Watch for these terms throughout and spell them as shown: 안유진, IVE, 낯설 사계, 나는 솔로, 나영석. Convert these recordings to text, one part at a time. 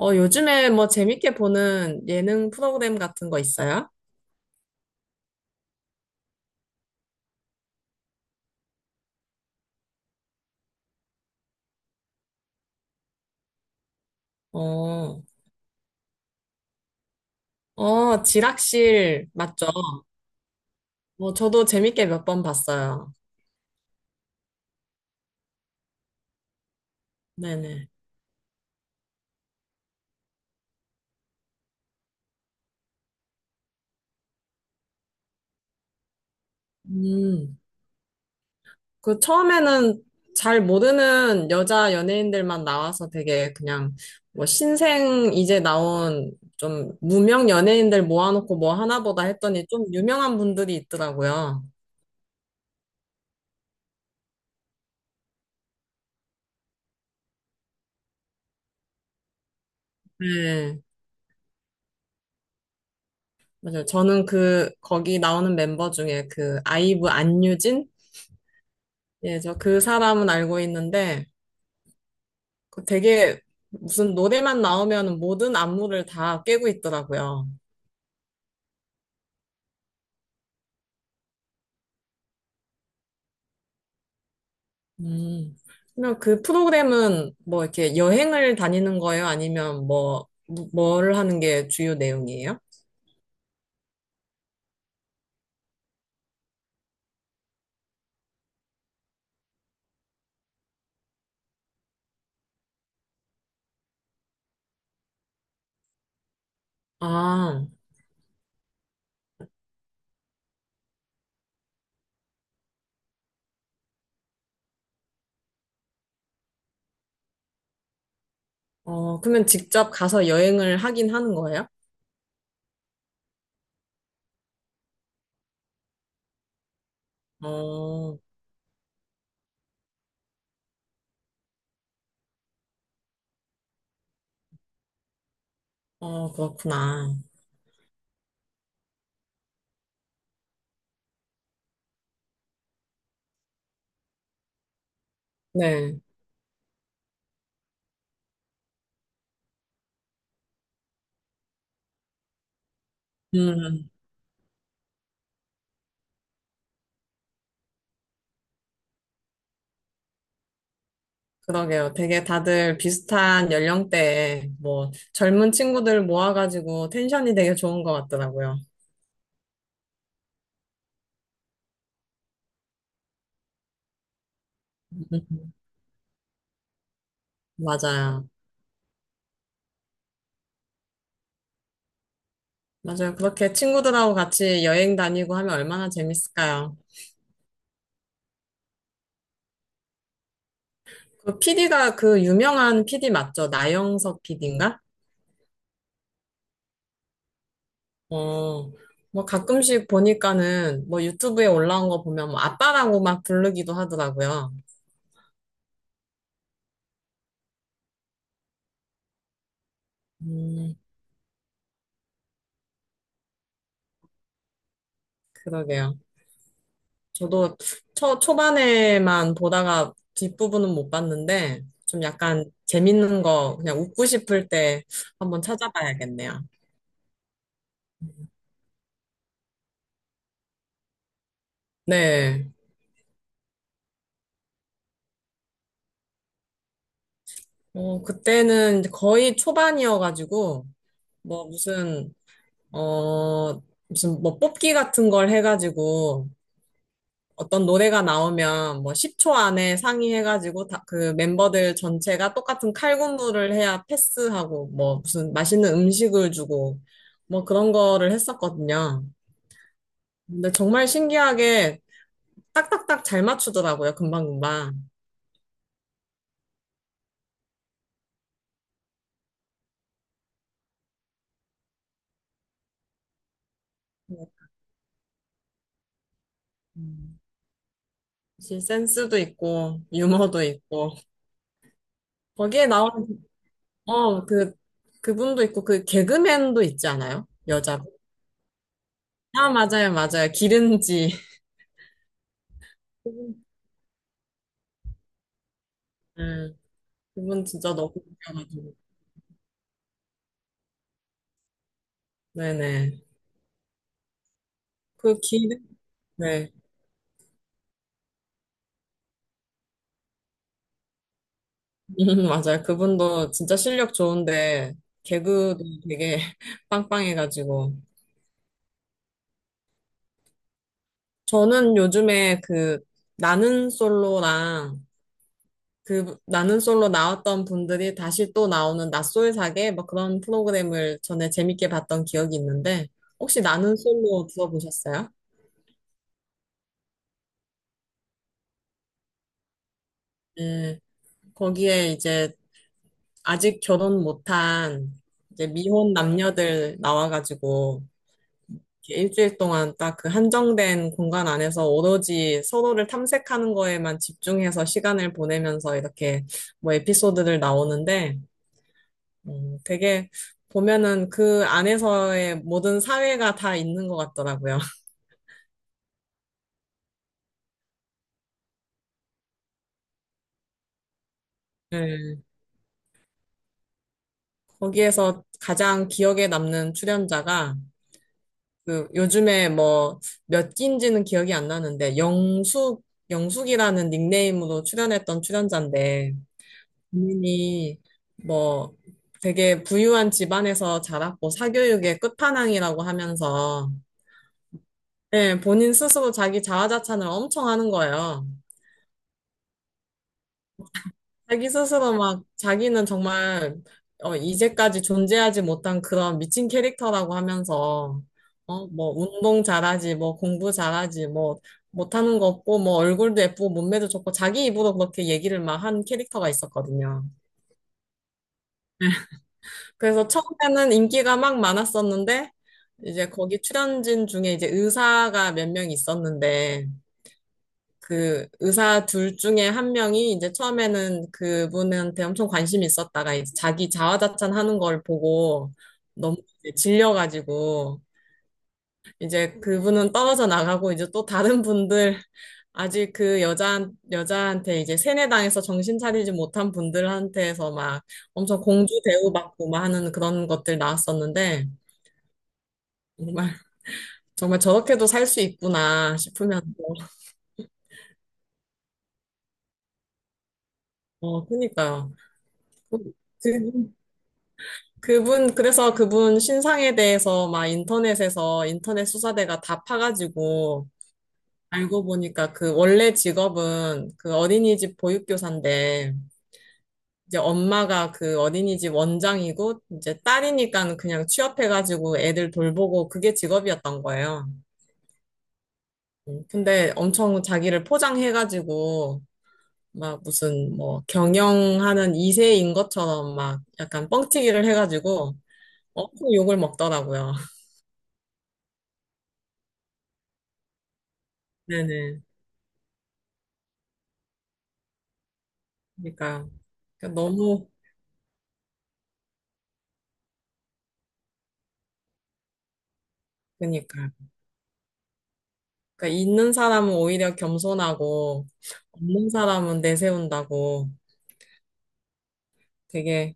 요즘에 뭐 재밌게 보는 예능 프로그램 같은 거 있어요? 어, 지락실 맞죠? 저도 재밌게 몇 번 봤어요. 네네. 음, 그 처음에는 잘 모르는 여자 연예인들만 나와서 되게 그냥 뭐 신생 이제 나온 좀 무명 연예인들 모아놓고 뭐 하나 보다 했더니 좀 유명한 분들이 있더라고요. 네. 맞아요. 저는 그, 거기 나오는 멤버 중에 그, 아이브 안유진? 예, 저 그 사람은 알고 있는데 그 되게 무슨 노래만 나오면 모든 안무를 다 깨고 있더라고요. 음. 그러면 그 프로그램은 뭐 이렇게 여행을 다니는 거예요? 아니면 뭐, 뭘 하는 게 주요 내용이에요? 아, 그러면 직접 가서 여행을 하긴 하는 거예요? 어, 그렇구나. 네. 음, 그러게요. 되게 다들 비슷한 연령대에 뭐 젊은 친구들 모아가지고 텐션이 되게 좋은 것 같더라고요. 음, 맞아요. 맞아요. 그렇게 친구들하고 같이 여행 다니고 하면 얼마나 재밌을까요? 그 PD가 그 유명한 PD 맞죠? 나영석 PD인가? 어, 뭐 가끔씩 보니까는 뭐 유튜브에 올라온 거 보면 뭐 아빠라고 막 부르기도 하더라고요. 음, 그러게요. 저도 초반에만 보다가 뒷부분은 못 봤는데 좀 약간 재밌는 거 그냥 웃고 싶을 때 한번 찾아봐야겠네요. 네. 그때는 이제 거의 초반이어가지고 뭐 무슨, 어, 무슨 뭐 뽑기 같은 걸 해가지고 어떤 노래가 나오면 뭐 10초 안에 상의해가지고 다, 그 멤버들 전체가 똑같은 칼군무를 해야 패스하고 뭐 무슨 맛있는 음식을 주고 뭐 그런 거를 했었거든요. 근데 정말 신기하게 딱딱딱 잘 맞추더라고요. 금방금방. 음, 역시 센스도 있고 유머도 있고 거기에 나오는 어, 그 그분도 있고 그 개그맨도 있지 않아요? 여자. 아, 맞아요, 맞아요. 기른지. 음. 그분 진짜 너무 웃겨가지고. 네네. 그 기, 네. 맞아요. 그분도 진짜 실력 좋은데, 개그도 되게 빵빵해가지고. 저는 요즘에 그, 나는 솔로랑, 그, 나는 솔로 나왔던 분들이 다시 또 나오는 낯설 사계, 뭐 그런 프로그램을 전에 재밌게 봤던 기억이 있는데, 혹시 나는 솔로 들어보셨어요? 네. 거기에 이제 아직 결혼 못한 이제 미혼 남녀들 나와가지고 이렇게 일주일 동안 딱 그 한정된 공간 안에서 오로지 서로를 탐색하는 거에만 집중해서 시간을 보내면서 이렇게 뭐 에피소드들 나오는데 되게 보면은 그 안에서의 모든 사회가 다 있는 것 같더라고요. 네. 거기에서 가장 기억에 남는 출연자가 그 요즘에 뭐 몇 기인지는 기억이 안 나는데 영숙이라는 닉네임으로 출연했던 출연자인데 본인이 뭐 되게 부유한 집안에서 자랐고 사교육의 끝판왕이라고 하면서 예, 본인 스스로 자기 자화자찬을 엄청 하는 거예요. 자기 스스로 막 자기는 정말 이제까지 존재하지 못한 그런 미친 캐릭터라고 하면서 뭐 운동 잘하지, 뭐 공부 잘하지, 뭐 못하는 거 없고 뭐 얼굴도 예쁘고 몸매도 좋고 자기 입으로 그렇게 얘기를 막 한 캐릭터가 있었거든요. 그래서 처음에는 인기가 막 많았었는데 이제 거기 출연진 중에 이제 의사가 몇 명 있었는데 그 의사 둘 중에 한 명이 이제 처음에는 그분한테 엄청 관심이 있었다가 이제 자기 자화자찬하는 걸 보고 너무 이제 질려가지고 이제 그분은 떨어져 나가고 이제 또 다른 분들 아직 그 여자한테 이제 세뇌당해서 정신 차리지 못한 분들한테서 막 엄청 공주 대우받고 막 하는 그런 것들 나왔었는데 정말 정말 저렇게도 살 수 있구나 싶으면서 어 그니까요. 그 그래서 그분 신상에 대해서 막 인터넷에서 인터넷 수사대가 다 파가지고 알고 보니까 그 원래 직업은 그 어린이집 보육교사인데 이제 엄마가 그 어린이집 원장이고 이제 딸이니까 그냥 취업해가지고 애들 돌보고 그게 직업이었던 거예요. 근데 엄청 자기를 포장해가지고 막 무슨 뭐 경영하는 2세인 것처럼 막 약간 뻥튀기를 해가지고 엄청 욕을 먹더라고요. 네네. 그러니까요. 그러니까 너무, 그러니까 있는 사람은 오히려 겸손하고, 없는 사람은 내세운다고 되게,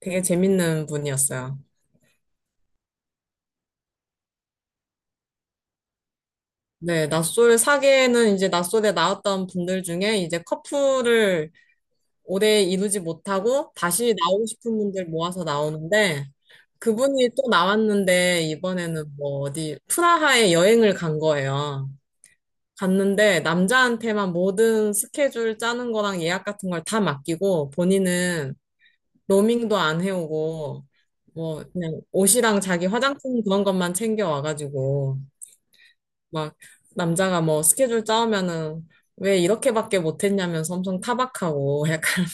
되게 재밌는 분이었어요. 네, 낯솔 사계는 이제 낯솔에 나왔던 분들 중에 이제 커플을 오래 이루지 못하고 다시 나오고 싶은 분들 모아서 나오는데, 그분이 또 나왔는데, 이번에는 뭐 어디, 프라하에 여행을 간 거예요. 갔는데 남자한테만 모든 스케줄 짜는 거랑 예약 같은 걸 다 맡기고 본인은 로밍도 안 해오고 뭐 그냥 옷이랑 자기 화장품 그런 것만 챙겨 와가지고 막 남자가 뭐 스케줄 짜오면은 왜 이렇게밖에 못했냐면서 엄청 타박하고 약간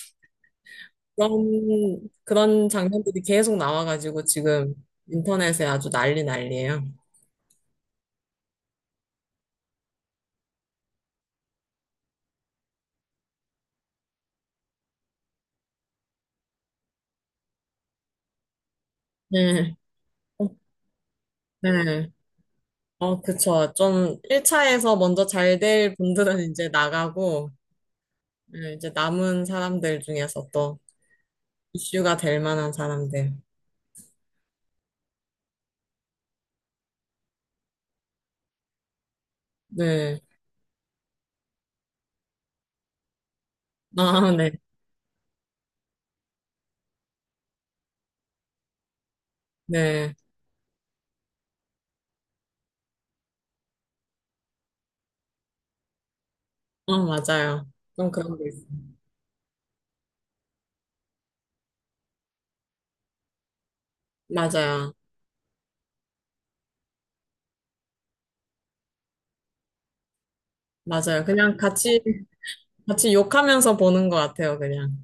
그런 장면들이 계속 나와가지고 지금 인터넷에 아주 난리 난리예요. 네. 어, 네. 어, 그쵸. 좀 1차에서 먼저 잘될 분들은 이제 나가고, 네, 이제 남은 사람들 중에서 또 이슈가 될 만한 사람들. 네. 아, 네. 네. 어, 맞아요. 좀 그런 게 있어요. 맞아요. 맞아요. 같이 욕하면서 보는 것 같아요, 그냥.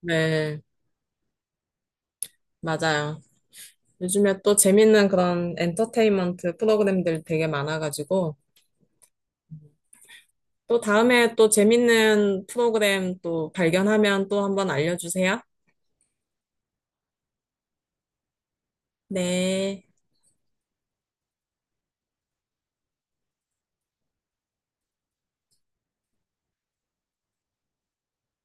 네. 맞아요. 요즘에 또 재밌는 그런 엔터테인먼트 프로그램들 되게 많아가지고, 또 다음에 또 재밌는 프로그램 또 발견하면 또 한번 알려주세요. 네.